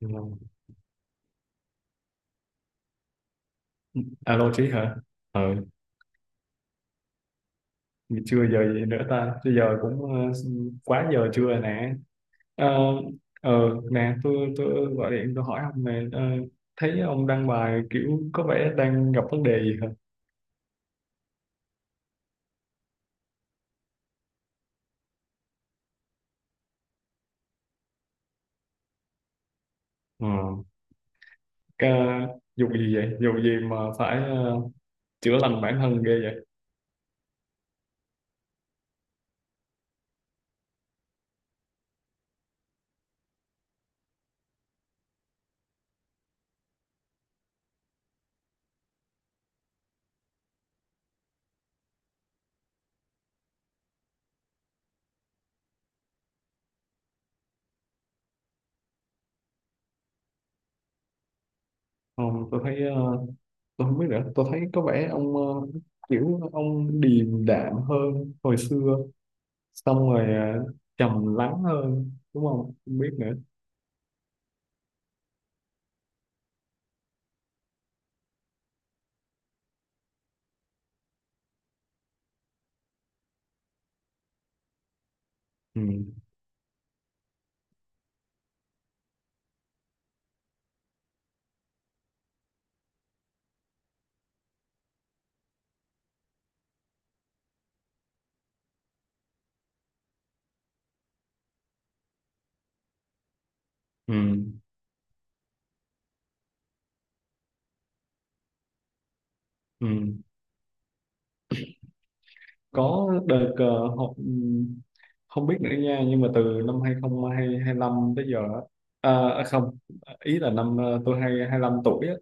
Ừ. Alo Trí hả? Ờ, Chưa giờ gì nữa ta? Chứ giờ cũng quá giờ trưa nè. Ờ, ờ, nè, tôi gọi điện tôi hỏi ông nè. Ờ, Thấy ông đăng bài kiểu có vẻ đang gặp vấn đề gì hả? Ừ. Cái, Vụ gì vậy? Vụ gì mà phải chữa lành bản thân ghê vậy? Ờ, tôi thấy tôi không biết nữa. Tôi thấy có vẻ ông kiểu ông điềm đạm hơn hồi xưa. Xong rồi trầm lắng hơn, đúng không? Không biết nữa. ừ, ừ, ừ. Có đợt học không biết nữa nha nhưng mà từ năm 2025 tới giờ á, à, à, không ý là năm tôi hai 25 tuổi á,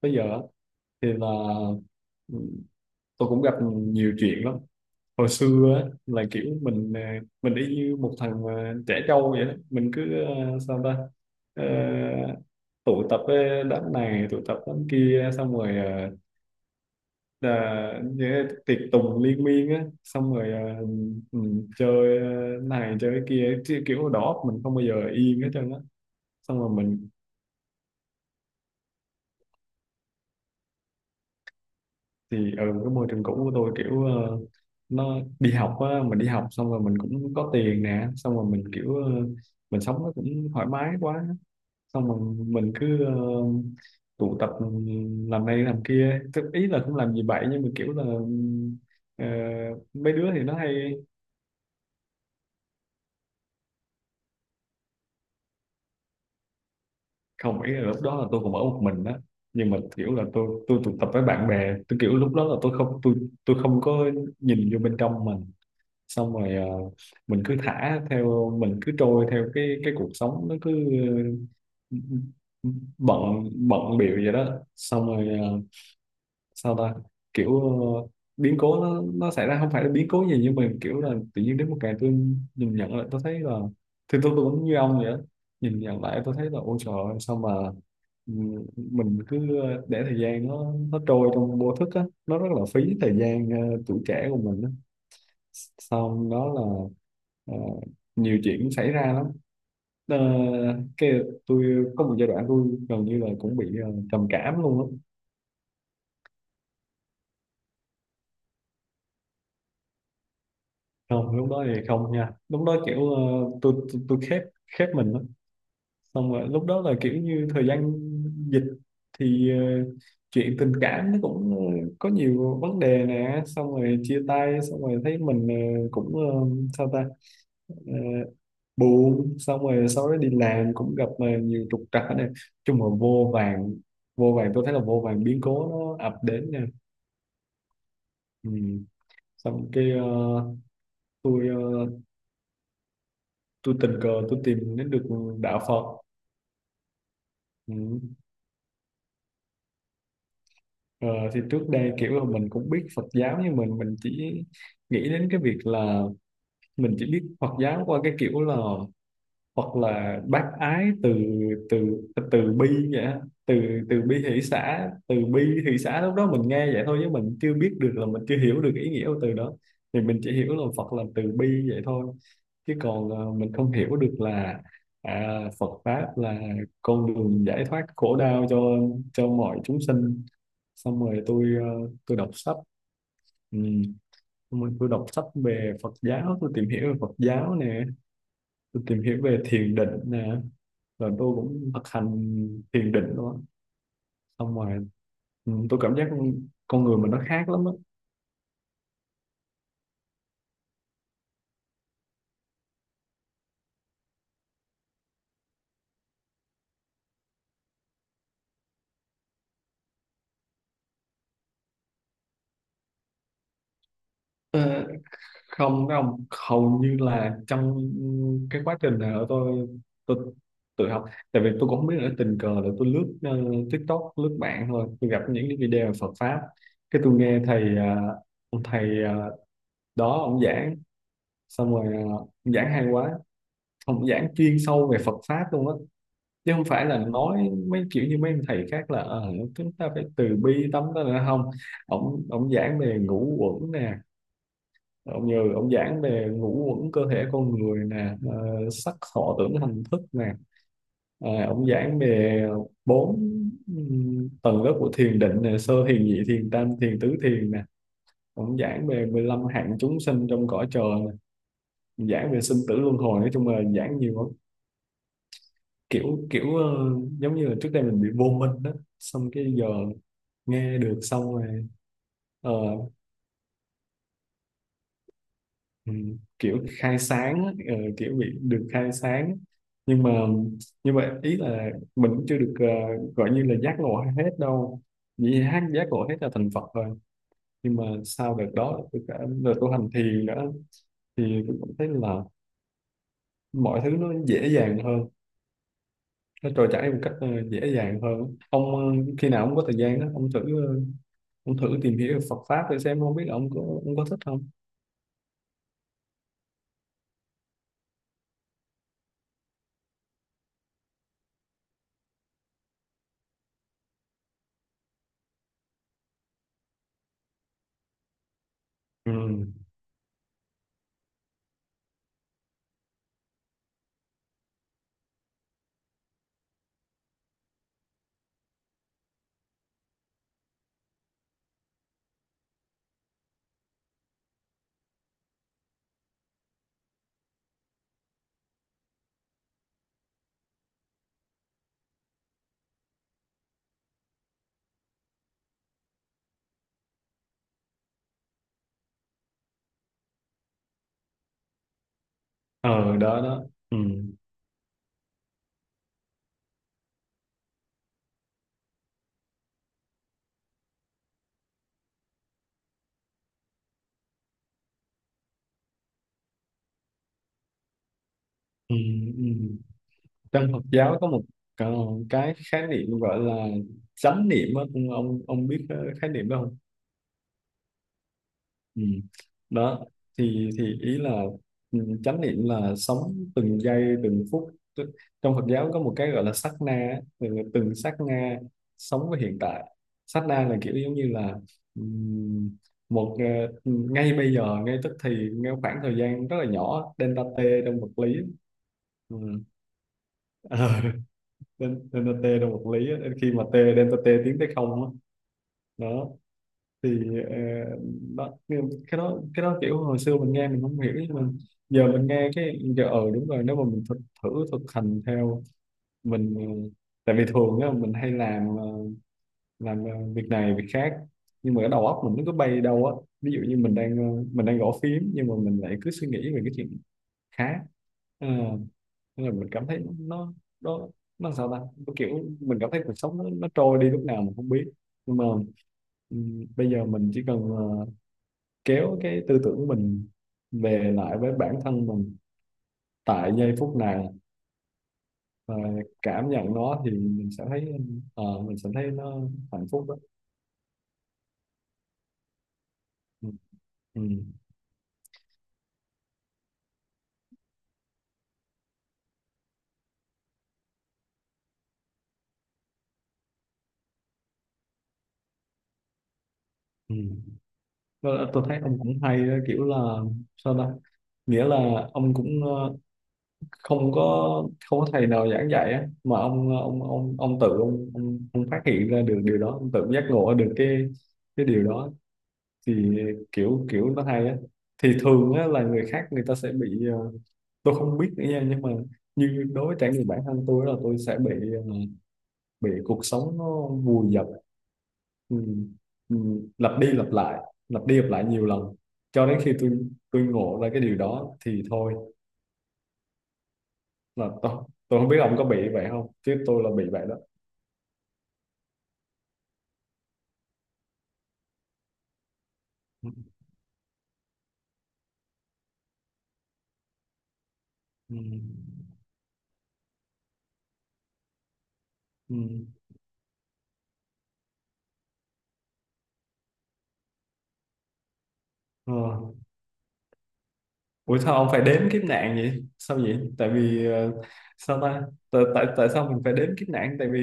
tới giờ á, thì là ừ, tôi cũng gặp nhiều chuyện lắm. Hồi xưa á, là kiểu mình mình y như một thằng trẻ trâu vậy đó, mình cứ sao ta. Ờ, Tụ tập với đám này tụ tập đám kia xong rồi là như tiệc tùng liên miên á, xong rồi à, ừ, chơi à, này chơi kia chứ kiểu đầu óc mình không bao giờ yên hết trơn á. Xong rồi mình thì ở cái môi trường cũ của tôi kiểu nó đi học á, mình đi học xong rồi mình cũng có tiền nè, xong rồi mình kiểu mình sống nó cũng thoải mái quá. Xong rồi mình cứ tụ tập làm này làm kia. Tức ý là cũng làm gì vậy nhưng mà kiểu là ờ, mấy đứa thì nó hay. Không ý là lúc đó là tôi cũng ở một mình đó, nhưng mà kiểu là tôi tụ tập với bạn bè, tôi kiểu lúc đó là tôi tôi không có nhìn vô bên trong mình. Xong rồi mình cứ thả theo, mình cứ trôi theo cái cuộc sống nó cứ ờ, bận bận bịu vậy đó, xong rồi sao ta, kiểu ờ, biến cố nó xảy ra, không phải là biến cố gì nhưng mà kiểu là tự nhiên đến một ngày tôi nhìn nhận lại tôi thấy là thì tôi cũng như ông vậy đó. Nhìn nhận lại tôi thấy là, ôi trời ơi sao mà Ừ, mình cứ để thời gian nó trôi trong vô thức á, nó rất là phí thời gian tuổi trẻ của mình á. Xong đó là ờ, nhiều chuyện xảy ra lắm. Ờ, cái Tôi có một giai đoạn tôi gần như là cũng bị trầm cảm luôn á. Không lúc đó thì không nha, lúc đó kiểu tôi khép khép mình lắm. Xong rồi lúc đó là kiểu như thời gian dịch thì chuyện tình cảm nó cũng có nhiều vấn đề nè, xong rồi chia tay, xong rồi thấy mình cũng sao ta, Ờ, buồn, xong rồi sau đó đi làm cũng gặp nhiều trục trặc. Này chung là vô vàn, vô vàn, tôi thấy là vô vàn biến cố nó ập đến nè. Ừ. Xong cái tôi ờ, tôi tình cờ tôi tìm đến được đạo Phật. Ừ. Ờ, thì trước đây kiểu là mình cũng biết Phật giáo, nhưng mình chỉ nghĩ đến cái việc là mình chỉ biết Phật giáo qua cái kiểu là Phật là bác ái, từ từ từ bi vậy á. Từ Từ bi hỷ xã, từ bi hỷ xã, lúc đó mình nghe vậy thôi chứ mình chưa biết được là mình chưa hiểu được ý nghĩa của từ đó. Thì mình chỉ hiểu là Phật là từ bi vậy thôi, chứ còn mình không hiểu được là à, Phật pháp là con đường giải thoát khổ đau cho mọi chúng sinh. Xong rồi tôi tôi đọc sách. Ừ. Xong rồi tôi đọc sách về Phật giáo, tôi tìm hiểu về Phật giáo nè, tôi tìm hiểu về thiền định nè, rồi tôi cũng thực hành thiền định luôn á. Xong rồi tôi cảm giác con người mình nó khác lắm á. Ờ, Không, với ông hầu như là trong cái quá trình này ở tôi tự học. Tại vì tôi cũng không biết nữa, tình cờ là tôi lướt TikTok, lướt mạng thôi tôi gặp những cái video về Phật pháp, cái tôi nghe thầy ông thầy đó ông giảng. Xong rồi ông giảng hay quá, ông giảng chuyên sâu về Phật pháp luôn á, chứ không phải là nói mấy kiểu như mấy ông thầy khác là chúng ta phải từ bi tấm đó nữa không. Ông giảng về ngũ uẩn nè, ông như ông giảng về ngũ uẩn cơ thể con người nè, sắc thọ tưởng hành thức nè. Ông giảng về bốn tầng lớp của thiền định nè, sơ thiền nhị thiền tam thiền tứ thiền nè. Ông giảng về 15 hạng chúng sinh trong cõi trời nè. Ông giảng về sinh tử luân hồi, nói chung là giảng nhiều lắm. Kiểu kiểu giống như là trước đây mình bị vô minh đó, xong cái giờ nghe được, xong rồi ờ, ừ, kiểu khai sáng á, kiểu bị được khai sáng. Nhưng mà nhưng mà ý là mình cũng chưa được gọi như là giác ngộ hết đâu, vì hát giác ngộ hết là thành Phật rồi. Nhưng mà sau đợt đó tôi cả đợt tu hành thiền nữa, thì tôi cũng thấy là mọi thứ nó dễ dàng hơn, nó trôi chảy một cách dễ dàng hơn. Ông khi nào ông có thời gian đó ông thử ờ, ông thử tìm hiểu Phật pháp để xem không biết là ông có thích không. Ừ, ờ đó đó. Ừ. Ừ. Ừ. Trong Phật giáo có một ờ, cái khái niệm gọi là chánh niệm á, ông biết cái khái niệm đó không? Ừ. Đó thì ý là chánh niệm là sống từng giây từng phút. Tức- trong Phật giáo có một cái gọi là sát na á, tức là từng sát na sống với hiện tại. Sát na là kiểu giống như là ừm, một ngay bây giờ, ngay tức thì, ngay khoảng thời gian rất là nhỏ, delta t trong vật lý. Ừ. Ờ, Nên nên là t là một lý á. Nên khi mà t delta t tiến tới không á, đó thì ờ, đó. Nhưng cái đó kiểu hồi xưa mình nghe mình không hiểu, nhưng mà giờ mình nghe cái giờ ờ đúng rồi, nếu mà mình thử thực hành theo mình tại vì thường á mình hay việc này việc khác, nhưng mà cái đầu óc mình nó cứ bay đâu á. Ví dụ như mình đang mình đang gõ phím nhưng mà mình lại cứ suy nghĩ về cái chuyện khác. Ờ, Nên là mình cảm thấy nó nó sao ta. Nó kiểu mình cảm thấy cuộc sống nó trôi đi lúc nào mình không biết. Nhưng mà bây giờ mình chỉ cần kéo cái tư tưởng của mình về lại với bản thân mình tại giây phút này và cảm nhận nó, thì mình sẽ thấy mình sẽ thấy nó hạnh phúc đó. Ừ. Ừ. Ừ. Tôi thấy ông cũng hay đó, kiểu là sao ta, nghĩa là ông cũng không có không có thầy nào giảng dạy á, mà ông tự ông phát hiện ra được điều đó, ông tự giác ngộ được cái điều đó. Thì kiểu kiểu nó hay á. Thì thường á là người khác người ta sẽ bị tôi không biết nữa nha, nhưng mà như đối với trải nghiệm bản thân tôi là tôi sẽ bị bị cuộc sống nó vùi dập, ừ, ừ, lặp đi lặp lại lặp đi lặp lại nhiều lần, cho đến khi tôi ngộ ra cái điều đó thì thôi. Là tôi không biết ông có bị vậy không, chứ tôi là bị vậy đó. ừ, ừ, ừ. Ờ. Ủa sao ông phải đếm kiếp nạn vậy? Sao vậy? Tại vì sao ta? Tại, tại Tại sao mình phải đếm kiếp nạn? Tại vì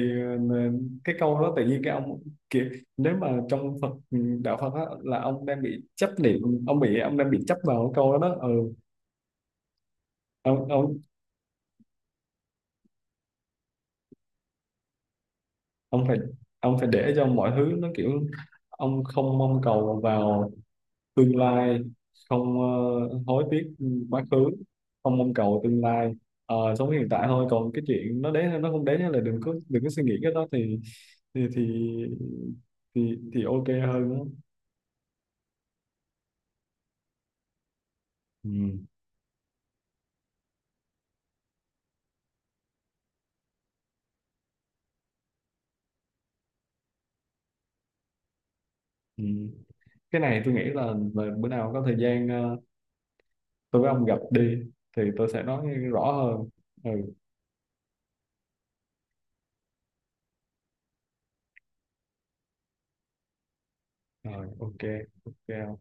ờ, cái câu đó tự nhiên cái ông kiểu, nếu mà đạo Phật á, là ông đang bị chấp niệm, ông đang bị chấp vào cái câu đó đó. Ừ. Ông ông ông phải ông phải để cho mọi thứ nó kiểu ông không mong cầu vào tương lai, không hối tiếc quá khứ, không mong cầu tương lai. Ờ, sống hiện tại thôi, còn cái chuyện nó đến hay nó không đến là đừng có suy nghĩ cái đó thì thì thì thì ok hơn á. Ừ. Ừ. Cái này tôi nghĩ là bữa nào có thời gian tôi với ông gặp đi thì tôi sẽ nói rõ hơn. Ừ rồi ok, ok.